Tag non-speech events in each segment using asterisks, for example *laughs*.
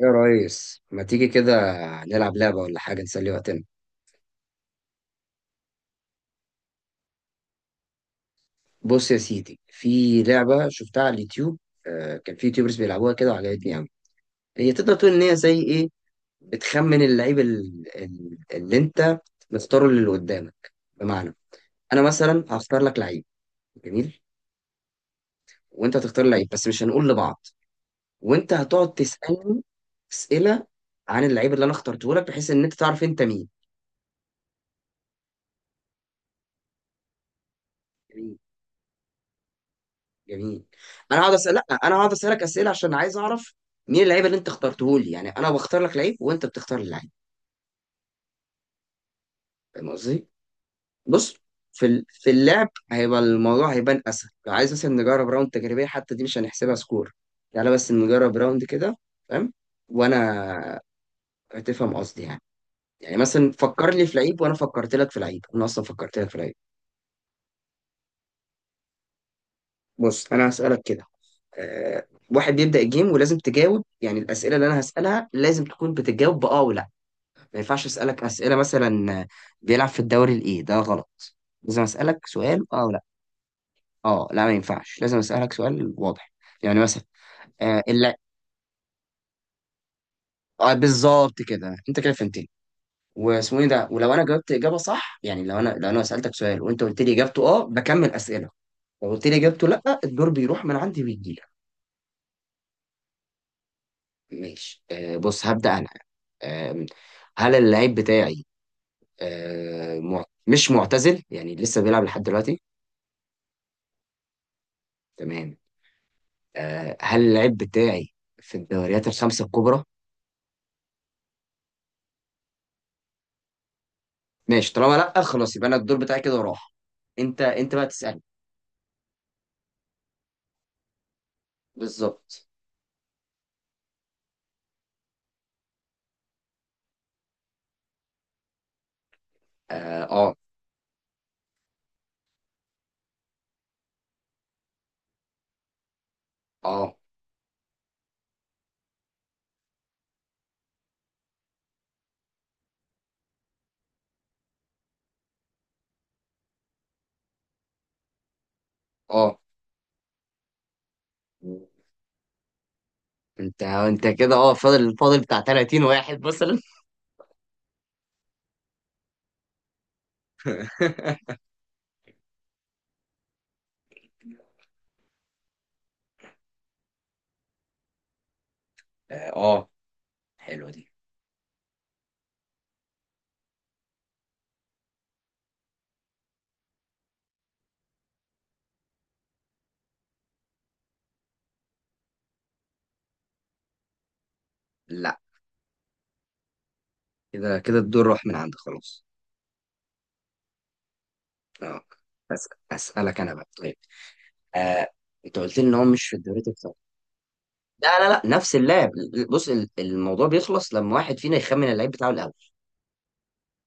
يا ريس ما تيجي كده نلعب لعبة ولا حاجة نسلي وقتنا. بص يا سيدي، في لعبة شفتها على اليوتيوب. آه، كان في يوتيوبرز بيلعبوها كده وعجبتني أوي. هي تقدر تقول إن هي زي إيه، بتخمن اللعيب اللي أنت مختاره اللي قدامك. بمعنى، أنا مثلا هختار لك لعيب جميل، وأنت هتختار لعيب بس مش هنقول لبعض، وأنت هتقعد تسألني أسئلة عن اللعيب اللي أنا اخترته لك، بحيث إن أنت تعرف أنت مين. جميل. انا هقعد اسال، لا انا هقعد اسالك اسئله عشان عايز اعرف مين اللعيب اللي انت اخترته لي. يعني انا بختار لك لعيب وانت بتختار لي لعيب، فاهم قصدي؟ بص، في في اللعب هيبقى الموضوع هيبان اسهل. لو عايز مثلا نجرب راوند تجريبيه، حتى دي مش هنحسبها سكور. تعالى بس نجرب راوند كده، فاهم؟ وانا هتفهم قصدي يعني. يعني مثلا فكر لي في لعيب وانا فكرت لك في لعيب، انا اصلا فكرت لك في لعيب. بص انا هسالك كده. أه، واحد بيبدا الجيم، ولازم تجاوب. يعني الاسئله اللي انا هسالها لازم تكون بتجاوب باه ولا. ما ينفعش اسالك اسئله مثلا بيلعب في الدوري الايه، ده غلط. لازم اسالك سؤال اه ولا. اه، لا ما ينفعش، لازم اسالك سؤال واضح، يعني مثلا آه الل- آه، بالظبط كده، انت كده فهمتني. واسمه ايه ده. ولو انا جاوبت اجابه صح، يعني لو انا لو انا سالتك سؤال وانت قلت لي اجابته اه، بكمل اسئله. لو قلت لي اجابته لا، الدور بيروح من عندي ويجي لك. ماشي. آه، بص هبدا انا. آه، هل اللعيب بتاعي مش معتزل، يعني لسه بيلعب لحد دلوقتي؟ تمام. آه، هل اللعيب بتاعي في الدوريات الخمسة الكبرى؟ ماشي، طالما لا خلاص، يبقى انا الدور بتاعي كده راح. انت انت بقى تسألني. بالظبط. اه اه. اه اه. انت انت كده، اه، فاضل بتاع 30 واحد مثلا. *laughs* اه، آه، حلوة دي. لا، كده كده الدور راح من عندك خلاص. اه. بس اسألك انا بقى طيب. آه، انت قلت لي ان هو مش في الدوريات الخمسة. لا لا لا، نفس اللعب. بص، الموضوع بيخلص لما واحد فينا يخمن اللعيب بتاعه الاول.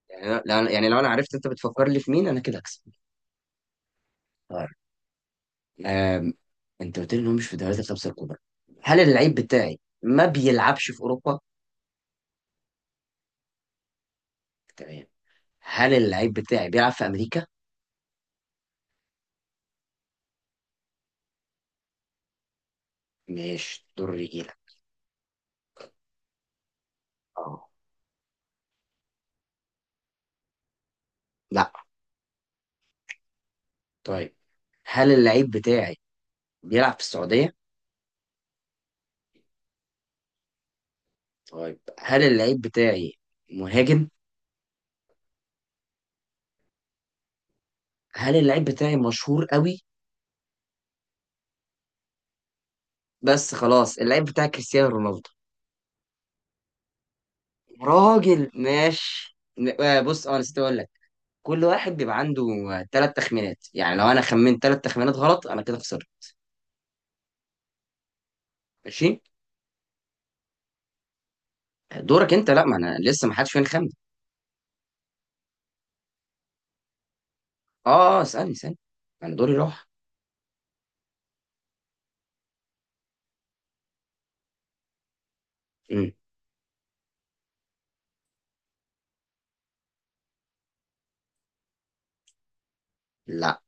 يعني لا يعني لو انا عرفت انت بتفكر لي في مين، انا كده هكسب. طيب. آم، انت قلت لي انه مش في الدوريات الخمسه الكبرى. هل اللعيب بتاعي ما بيلعبش في اوروبا؟ تمام. هل اللعيب بتاعي بيلعب في امريكا؟ مش دور رجيله. اه. لا. طيب، هل اللعيب بتاعي بيلعب في السعوديه؟ طيب، هل اللعيب بتاعي مهاجم؟ هل اللعيب بتاعي مشهور قوي؟ بس خلاص، اللعيب بتاعي كريستيانو رونالدو. راجل ماشي آه، بص، اه نسيت اقول لك. كل واحد بيبقى عنده 3 تخمينات. يعني لو انا خمنت 3 تخمينات غلط، انا كده خسرت. ماشي. دورك انت. لا ما انا لسه ما حدش فين خمن. اه، اسالني اسالني، انا دوري راح. امم لا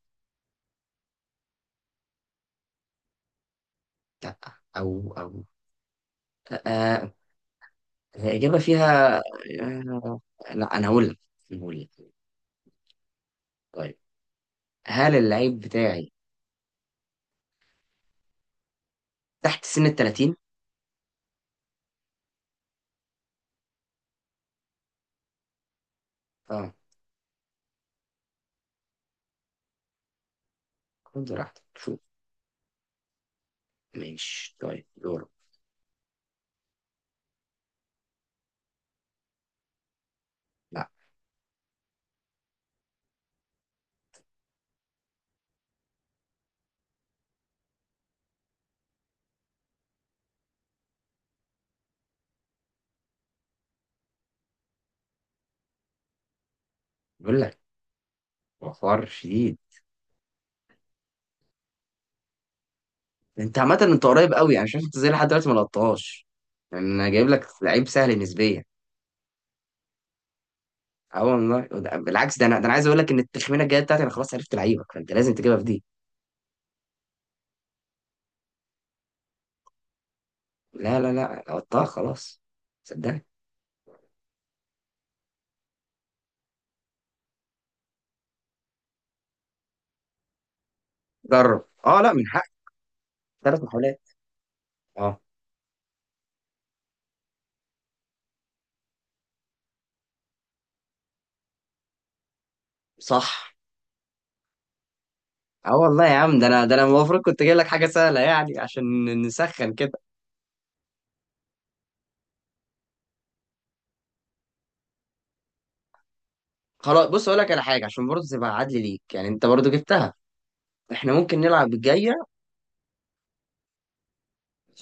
لا. او او. آه، الاجابه فيها آه، لا انا هقول لك، أنا هقول لك. طيب، هل اللعيب بتاعي تحت سن ال 30؟ اه، خد راحتك شوف. ماشي طيب، دورك. لا. بقول لك، وفار شديد. انت عامة انت قريب قوي، يعني شايف انت زي لحد دلوقتي ما لقطتهاش، يعني انا جايب لك لعيب سهل نسبيا. اه والله، بالعكس، ده انا ده انا عايز اقول لك ان التخمينه الجايه بتاعتي، انا خلاص عرفت لعيبك، فانت لازم تجيبها في دي. لا لا لا، لقطتها خلاص، صدقني. جرب، اه لا من حق 3 محاولات. اه. صح. اه والله يا عم، ده انا ده انا المفروض كنت جايب لك حاجه سهله يعني عشان نسخن كده. خلاص، بص اقول لك على حاجه عشان برضه تبقى عدل ليك، يعني انت برضه جبتها، احنا ممكن نلعب الجايه.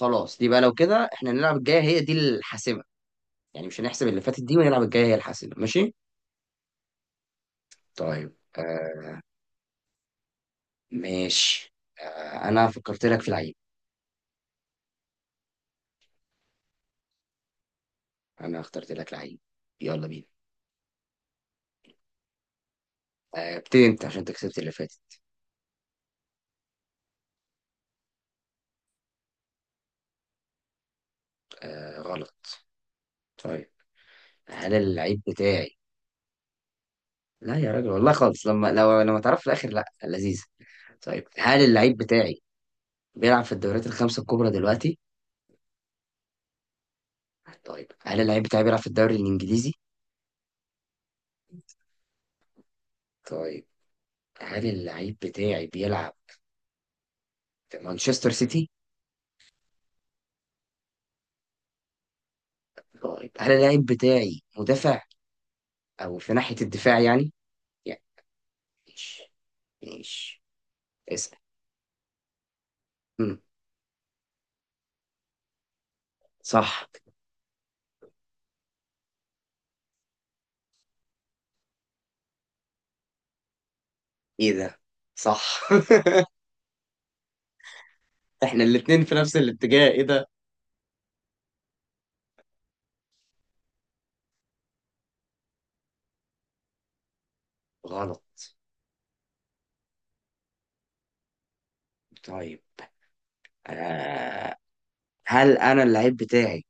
خلاص دي بقى، لو كده احنا نلعب الجايه هي دي الحاسمه. يعني مش هنحسب اللي فاتت دي، ونلعب الجايه هي الحاسمه، ماشي؟ طيب. آه ماشي. آه انا فكرت لك في العيب. انا اخترت لك لعيب، يلا بينا. آه، ابتدي انت عشان انت كسبت اللي فاتت. آه غلط. طيب، هل اللعيب بتاعي لا يا راجل والله خالص، لما لو لما تعرف في الاخر لا لذيذ. طيب، هل اللعيب بتاعي بيلعب في الدوريات الخمسه الكبرى دلوقتي؟ طيب، هل اللعيب بتاعي بيلعب في الدوري الانجليزي؟ طيب، هل اللعيب بتاعي بيلعب في مانشستر سيتي؟ طيب، هل اللعيب بتاعي مدافع او في ناحية الدفاع يعني؟ يعني. ماشي. ماشي. اسأل. مم. صح. ايه ده، صح. *laughs* احنا الاتنين في نفس الاتجاه، ايه ده. غلط. طيب. آه. هل انا اللعيب بتاعي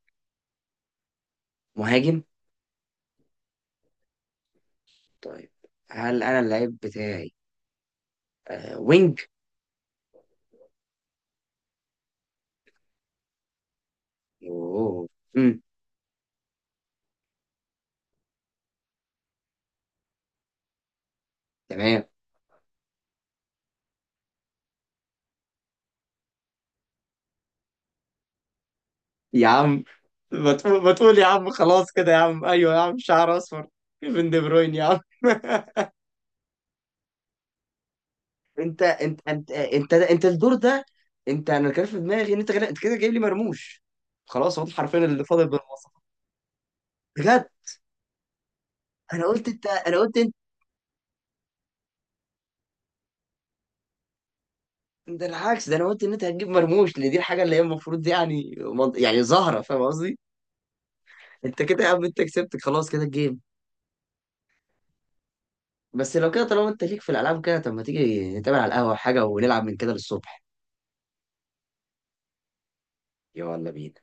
مهاجم؟ طيب، هل انا اللعيب بتاعي آه، وينج؟ اوه. مم. تمام. يا عم، ما تقول ما تقول يا عم، خلاص كده يا عم، ايوه يا عم شعر اصفر. كيفن دي بروين يا عم. *laughs* انت الدور ده. انت، انا كان في دماغي ان انت انت كده جايب لي مرموش، خلاص هو ده حرفيا اللي فاضل بالمواصفات. بجد. انا قلت انت، انا قلت انت ده العكس، ده انا قلت ان انت هتجيب مرموش، لان دي الحاجه اللي هي المفروض دي يعني يعني زهره، فاهم قصدي؟ انت كده يا عم، انت كسبت خلاص كده الجيم. بس لو كده، طالما انت ليك في الالعاب كده، طب ما تيجي نتقابل على القهوه حاجه ونلعب من كده للصبح. يلا بينا.